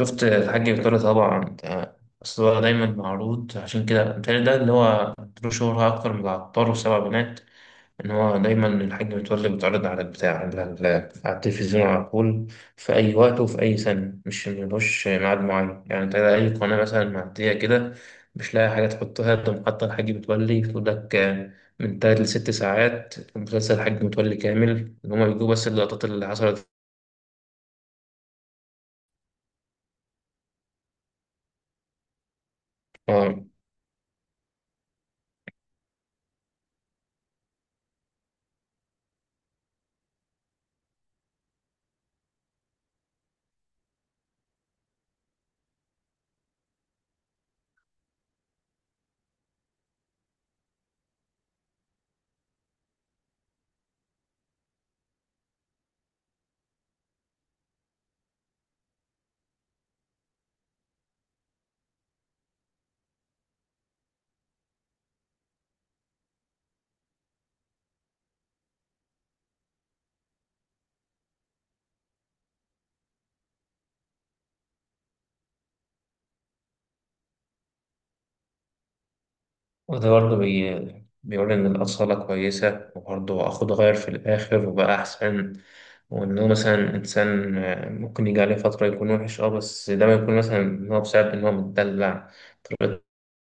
شفت الحاج بيطري طبعا أصل هو دايما معروض عشان كده بيتهيألي ده اللي هو له شهرة أكتر من العطار وسبع بنات. إن هو دايما الحاج متولي بيتعرض على التلفزيون على طول في أي وقت وفي أي سنة. مش ملوش ميعاد معين يعني. أنت أي قناة مثلا معدية كده مش لاقي حاجة تحطها تقوم حاطة الحاج متولي، تقول لك آه، من تلات لست ساعات مسلسل الحاج متولي كامل، إن هما بيجيبوا بس اللقطات اللي حصلت. آه. وده برضه بيقول إن الأصالة كويسة، وبرضه أخد غير في الآخر وبقى أحسن. وإنه مثلا إنسان ممكن يجي عليه فترة يكون وحش، بس ده ما يكون مثلا إن هو بسبب إن هو متدلع.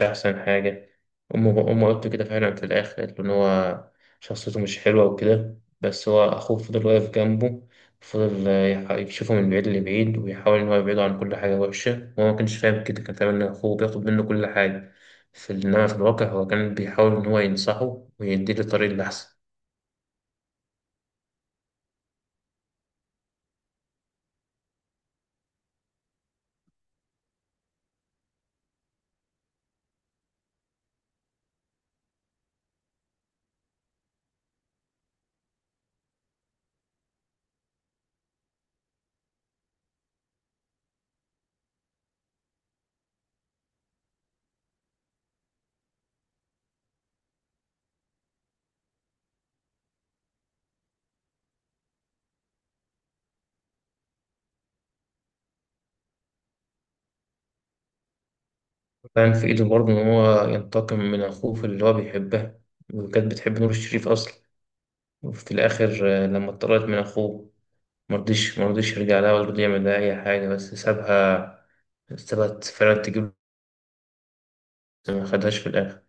مش أحسن حاجة. أمه قالت له كده فعلا، في الآخر قالت له إن هو شخصيته مش حلوة وكده، بس هو أخوه فضل واقف جنبه. فضل يشوفه من بعيد لبعيد ويحاول إن هو يبعده عن كل حاجة وحشة، وهو ما كانش فاهم كده، كان فاهم إن أخوه بياخد منه كل حاجة. في، إنما في الواقع هو كان بيحاول إن هو ينصحه ويديله الطريق الأحسن. كان في إيده برضه إن هو ينتقم من أخوه في اللي هو بيحبها، وكانت بتحب نور الشريف أصلا. وفي الآخر، لما اتطردت من أخوه، مرضيش يرجع لها ولا رضي يعمل لها أي حاجة، بس سابها. سابها فعلا تجيب، بس ما خدهاش في الآخر.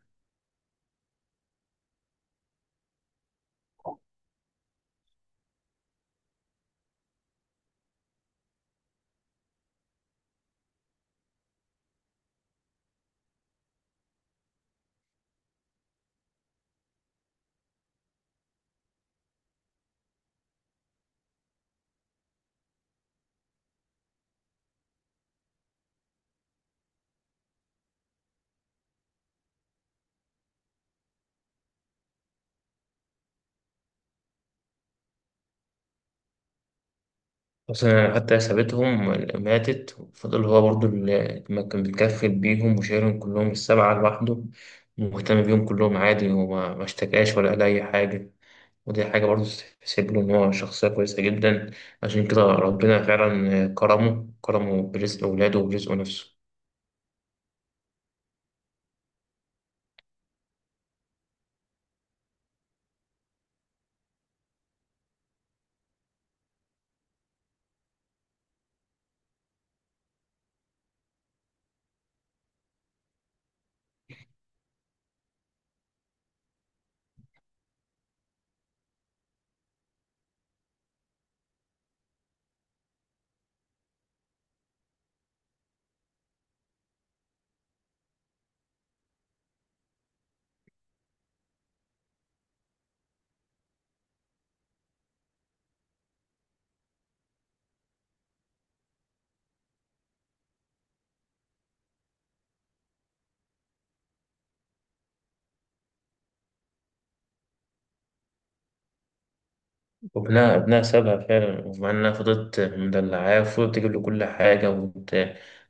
أصلا حتى هي سابتهم، ماتت، وفضل هو برضو اللي ما كان بيتكفل بيهم وشايلهم كلهم السبعة لوحده، ومهتم بيهم كلهم عادي، وما ما اشتكاش ولا قال أي حاجة. ودي حاجة برضو تحسب له، إن هو شخصية كويسة جدا. عشان كده ربنا فعلا كرمه برزق أولاده وبرزقه نفسه. وابنها سابها فعلا، ومع انها فضلت مدلعاه وفضلت تجيب له كل حاجة،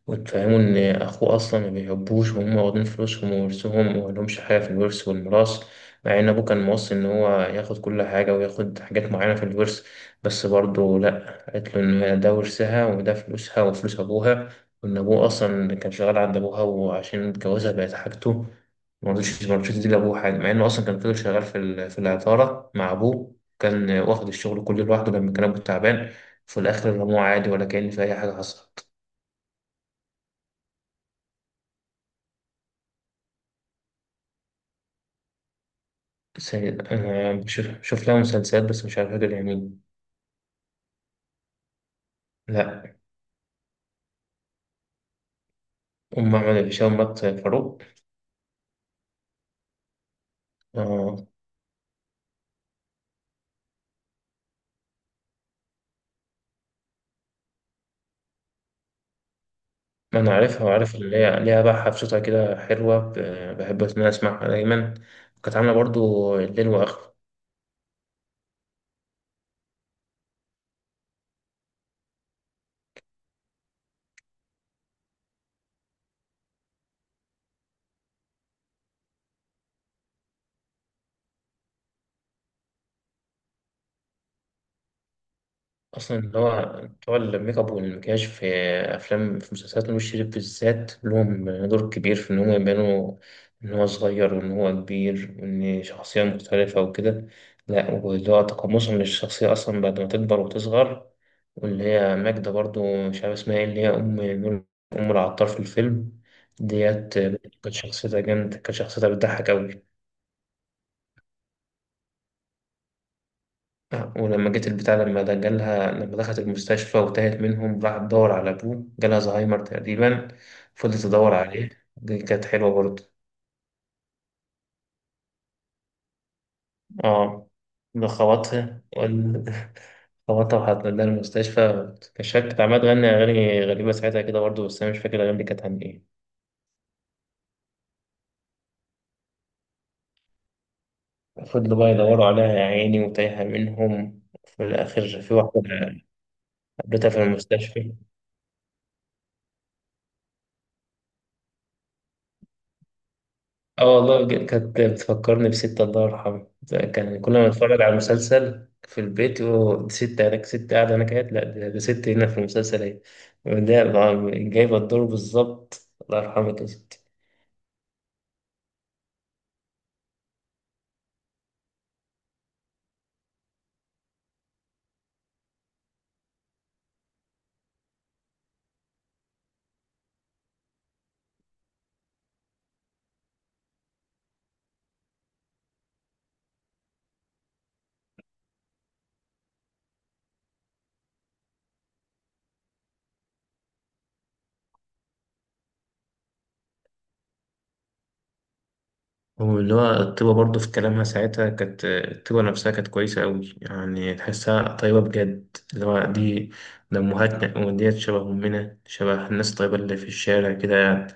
وتفهمه إن أخوه أصلا ما بيحبوش، وهم واخدين فلوسهم وورثهم، وملهمش حاجة في الورث والميراث، مع إن أبوه كان موصي إن هو ياخد كل حاجة وياخد حاجات معينة في الورث، بس برضه لأ، قالت له إن ده ورثها، وده فلوسها وفلوس أبوها، وإن أبوه أصلا كان شغال عند أبوها، وعشان اتجوزها بقت حاجته. مرضيش تدي لأبوه حاجة، مع إنه أصلا كان فضل شغال في العطارة مع أبوه، كان واخد الشغل كله لوحده لما كان أبوه تعبان. في الآخر رموه عادي، ولا كأن في أي حاجة حصلت. أنا بشوف لها مسلسلات بس مش عارف، فاكر يعني. لا. أم أحمد هشام مات فاروق. آه، ما أنا عارفها، وعارف إن ليها بقى حفشتها كده حلوة، بحب إن أنا أسمعها دايما. كانت عاملة برضو الليل وآخره. اصلا اللي هو بتوع الميك اب والمكياج في افلام، في مسلسلات نور الشريف بالذات، لهم دور كبير في ان هم يبانوا ان هو صغير وان هو كبير، وان شخصيه مختلفه وكده. لا، واللي هو تقمصهم للشخصيه اصلا بعد ما تكبر وتصغر. واللي هي ماجدة برضو، مش عارف اسمها ايه، اللي هي ام العطار في الفيلم. ديت كانت شخصيتها جامده، كانت شخصيتها بتضحك قوي. آه، ولما جيت البتاع لما ده جالها، لما دخلت المستشفى وتاهت منهم، راحت تدور على أبوه، جالها الزهايمر تقريبا. فضلت تدور عليه. دي كانت حلوة برضه. اه. ده خبطها خبطها وحط لها المستشفى، كشكت، كانت عمالة تغني أغاني غريبة ساعتها كده برضه، بس أنا مش فاكر الأغاني دي كانت عن إيه. فضلوا بقى يدوروا عليها يا عيني، وتايهة منهم، في الآخر في واحدة قابلتها في المستشفى. اه والله، بجد كانت بتفكرني بستة الله يرحمه، ده كان كنا بنتفرج على المسلسل في البيت، يقول دي ستة، هناك ستة قاعدة، هناك قاعدة، لا ده ستة هنا في المسلسل اهي. ده بقى جايبة الدور بالظبط، الله يرحمك يا ستي. واللي هو الطيبة برضه في كلامها ساعتها، كانت الطيبة نفسها، كانت كويسة أوي يعني، تحسها طيبة بجد، اللي هو ده أمهاتنا، وديت شبه أمنا، شبه الناس الطيبة اللي في الشارع كده يعني.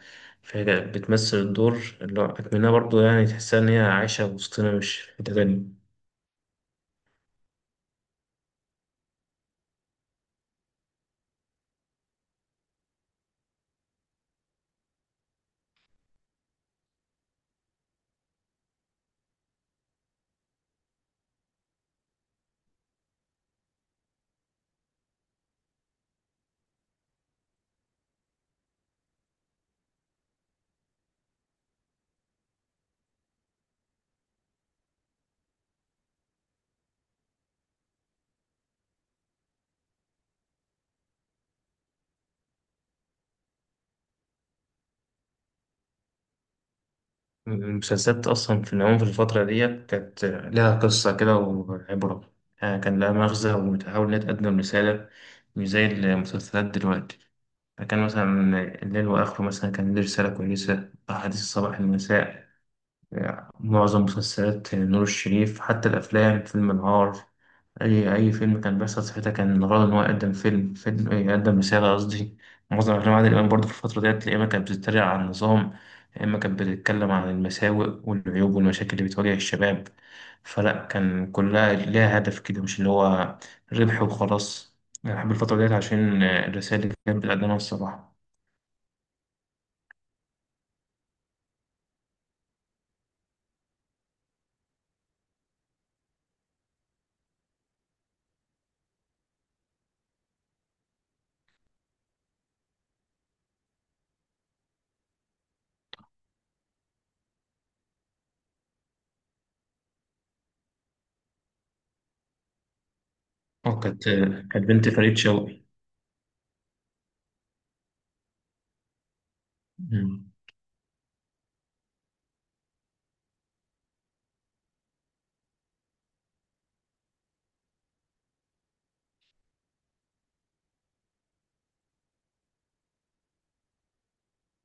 فهي بتمثل الدور اللي هو أتمناه برضه، يعني تحسها إن هي عايشة وسطنا، مش في تبني. المسلسلات أصلا في العموم في الفترة ديت كانت لها قصة كده وعبرة، كان لها مغزى، وبتحاول إنها تقدم رسالة، مش زي المسلسلات دلوقتي. فكان مثلا الليل وآخره مثلا كان ليه رسالة كويسة، أحاديث الصباح المساء، معظم مسلسلات نور الشريف، حتى الأفلام، فيلم النهار، أي فيلم كان بيحصل ساعتها كان الغرض إن هو يقدم فيلم فيلم إيه، يقدم رسالة قصدي. معظم أفلام عادل إمام برضه في الفترة ديت يا إما كانت بتتريق على النظام، يا إما كانت بتتكلم عن المساوئ والعيوب والمشاكل اللي بتواجه الشباب. فلا كان كلها ليها هدف كده، مش اللي هو ربح وخلاص. أنا بحب الفترة ديت عشان الرسائل اللي كانت بتقدمها الصراحة. أه كانت آه، كانت بنت فريد شوقي.